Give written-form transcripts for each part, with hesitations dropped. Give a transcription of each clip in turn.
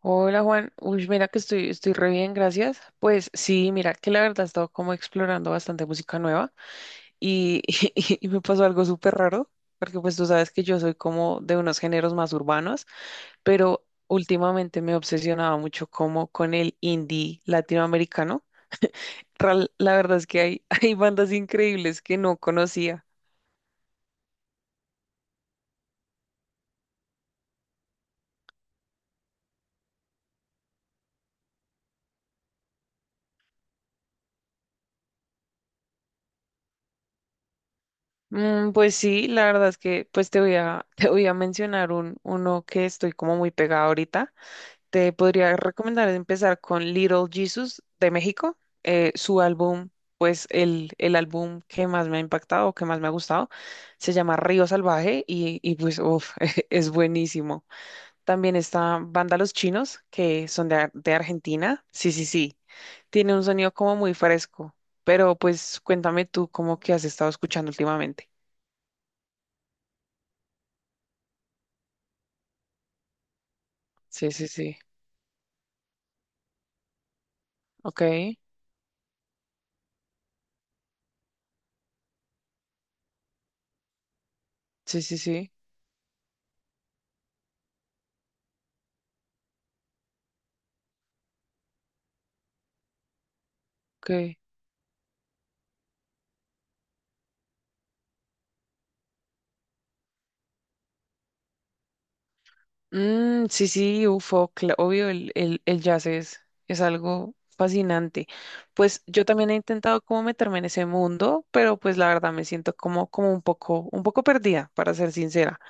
Hola Juan, uy, mira que estoy re bien, gracias. Pues sí, mira que la verdad he estado como explorando bastante música nueva y, y, me pasó algo súper raro, porque pues tú sabes que yo soy como de unos géneros más urbanos, pero últimamente me obsesionaba mucho como con el indie latinoamericano. La verdad es que hay, hay bandas increíbles que no conocía. Pues sí, la verdad es que pues te voy a, te voy a mencionar uno que estoy como muy pegada ahorita. Te podría recomendar empezar con Little Jesus de México. Su álbum, pues el álbum que más me ha impactado, que más me ha gustado, se llama Río Salvaje y pues uf, es buenísimo. También está Banda Los Chinos, que son de, de Argentina. Sí, sí, sí. Tiene un sonido como muy fresco, pero pues cuéntame tú cómo que has estado escuchando últimamente. Sí, sí, sí. Ok. Sí, sí, sí. Ok. Sí, sí, UFO, obvio, el jazz es algo fascinante. Pues yo también he intentado como meterme en ese mundo, pero pues la verdad me siento como, como un poco perdida, para ser sincera.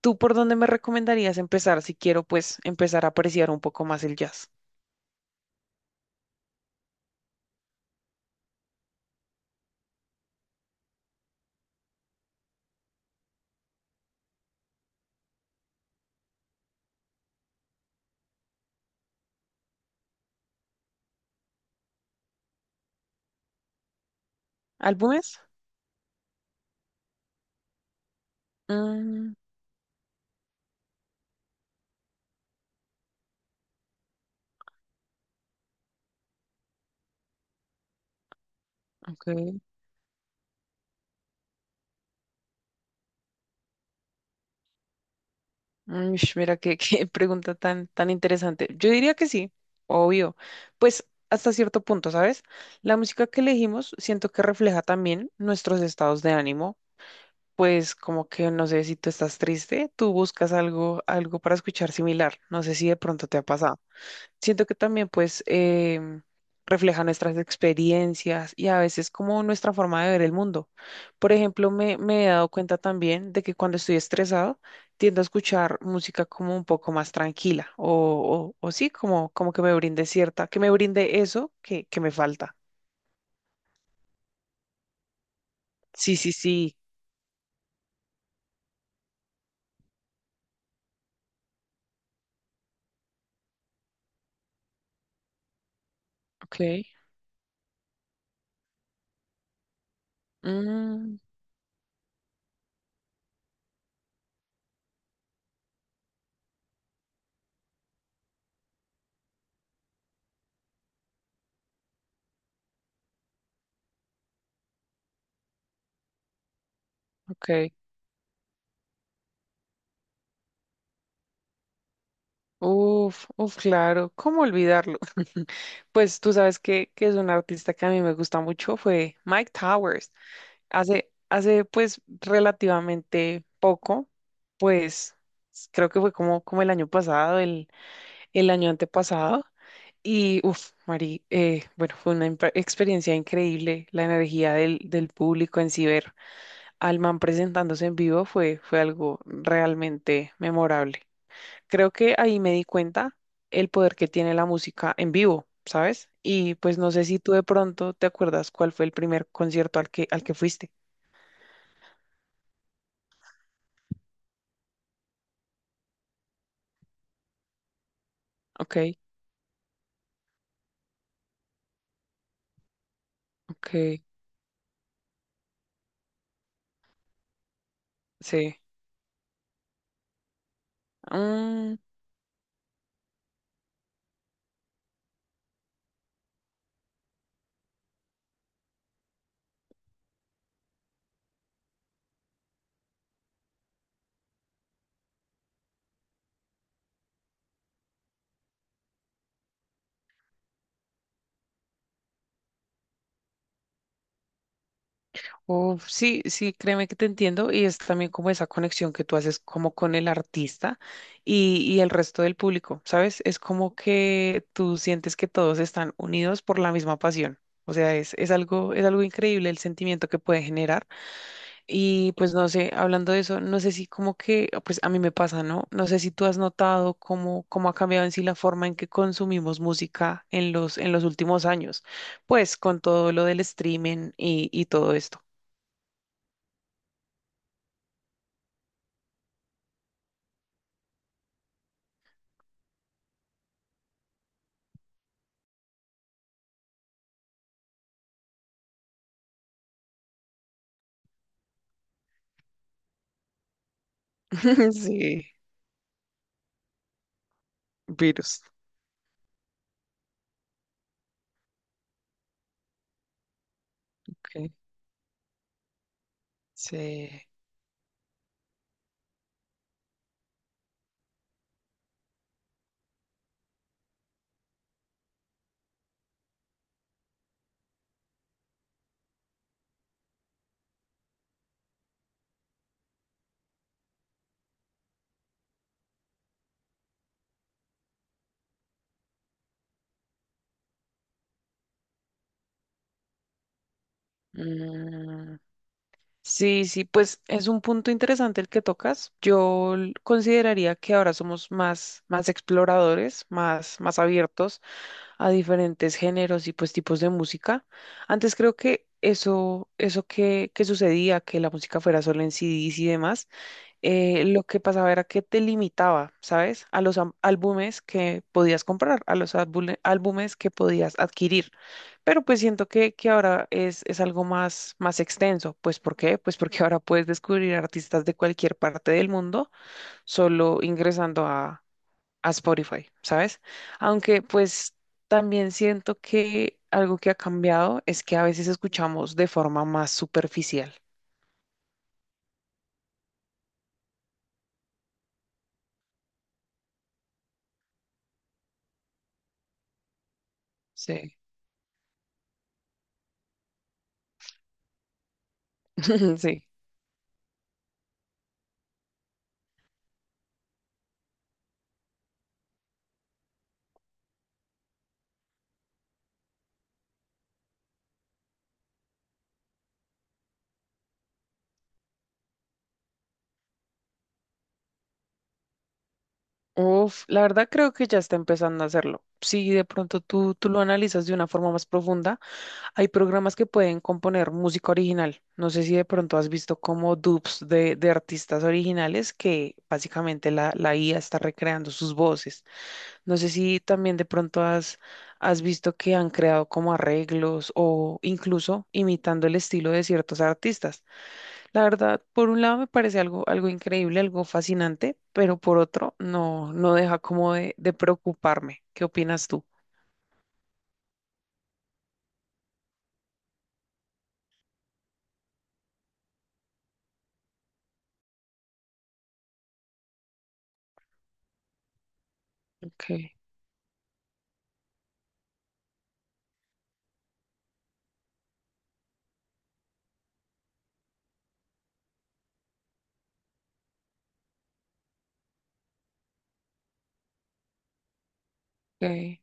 ¿Tú por dónde me recomendarías empezar si quiero pues empezar a apreciar un poco más el jazz? ¿Álbumes? Mm, ok. Ush, mira, qué, qué pregunta tan, tan interesante. Yo diría que sí, obvio. Pues hasta cierto punto, ¿sabes? La música que elegimos siento que refleja también nuestros estados de ánimo. Pues como que, no sé, si tú estás triste, tú buscas algo, algo para escuchar similar. No sé si de pronto te ha pasado, siento que también refleja nuestras experiencias y a veces como nuestra forma de ver el mundo. Por ejemplo, me he dado cuenta también de que cuando estoy estresado tiendo a escuchar música como un poco más tranquila o, o sí, como, como que me brinde cierta, que me brinde eso que me falta. Sí, sí, sí. Ok. Mm, ok. Uf, uf, claro, ¿cómo olvidarlo? Pues tú sabes que es un artista que a mí me gusta mucho, fue Mike Towers. Hace pues relativamente poco, pues creo que fue como, como el año pasado, el año antepasado. Y, uff, Mari, bueno, fue una experiencia increíble. La energía del público en Ciber, Alman presentándose en vivo fue algo realmente memorable. Creo que ahí me di cuenta el poder que tiene la música en vivo, ¿sabes? Y pues no sé si tú de pronto te acuerdas cuál fue el primer concierto al al que fuiste. Ok. Ok, sí. Mm, Uf, sí, sí, créeme que te entiendo y es también como esa conexión que tú haces como con el artista y el resto del público, ¿sabes? Es como que tú sientes que todos están unidos por la misma pasión. O sea, es algo increíble el sentimiento que puede generar. Y pues no sé, hablando de eso, no sé si como que, pues a mí me pasa, ¿no? No sé si tú has notado cómo, cómo ha cambiado en sí la forma en que consumimos música en los últimos años, pues con todo lo del streaming y todo esto. Sí, virus. Ok, sí. Mm, Sí, sí, pues es un punto interesante el que tocas. Consideraría que ahora somos más, más exploradores, más, más abiertos a diferentes géneros y pues tipos de música. Antes creo que eso que sucedía, que la música fuera solo en CDs y demás, lo que pasaba era que te limitaba, ¿sabes? A los álbumes que podías comprar, a los álbumes que podías adquirir. Pero pues siento que ahora es algo más, más extenso. Pues ¿por qué? Pues porque ahora puedes descubrir artistas de cualquier parte del mundo solo ingresando a Spotify, ¿sabes? Aunque pues también siento que algo que ha cambiado es que a veces escuchamos de forma más superficial. Sí, sí. Uf, la verdad creo que ya está empezando a hacerlo. Si de pronto tú lo analizas de una forma más profunda, hay programas que pueden componer música original. No sé si de pronto has visto como dubs de artistas originales que básicamente la IA está recreando sus voces. No sé si también de pronto has visto que han creado como arreglos o incluso imitando el estilo de ciertos artistas. La verdad, por un lado me parece algo, algo increíble, algo fascinante, pero por otro no, no deja como de preocuparme. ¿Qué opinas tú? Ok, ok.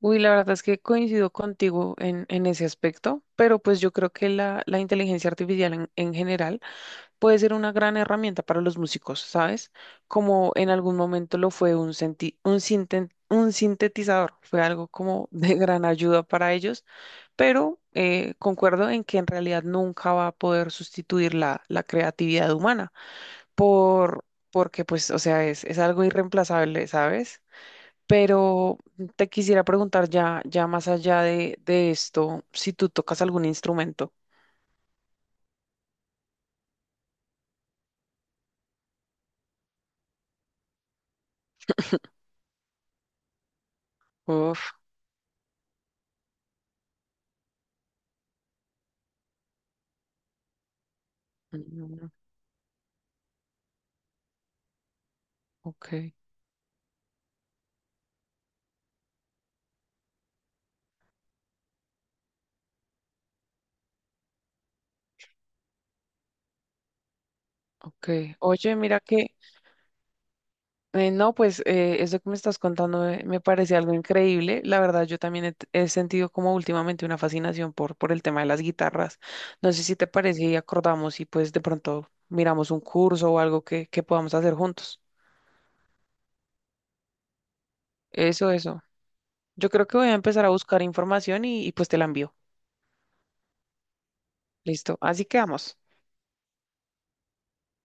Uy, la verdad es que coincido contigo en ese aspecto, pero pues yo creo que la inteligencia artificial en general puede ser una gran herramienta para los músicos, ¿sabes? Como en algún momento lo fue un, senti- un, sinten- un sintetizador, fue algo como de gran ayuda para ellos, pero concuerdo en que en realidad nunca va a poder sustituir la creatividad humana por... porque pues, o sea, es algo irreemplazable, ¿sabes? Pero te quisiera preguntar ya más allá de esto, si tú tocas algún instrumento. Uf, mm, ok, ok. Oye, mira que, no, pues eso que me estás contando me parece algo increíble. La verdad, yo también he sentido como últimamente una fascinación por el tema de las guitarras. No sé si te parece y acordamos y pues de pronto miramos un curso o algo que podamos hacer juntos. Eso, eso. Yo creo que voy a empezar a buscar información y pues te la envío. Listo, así quedamos.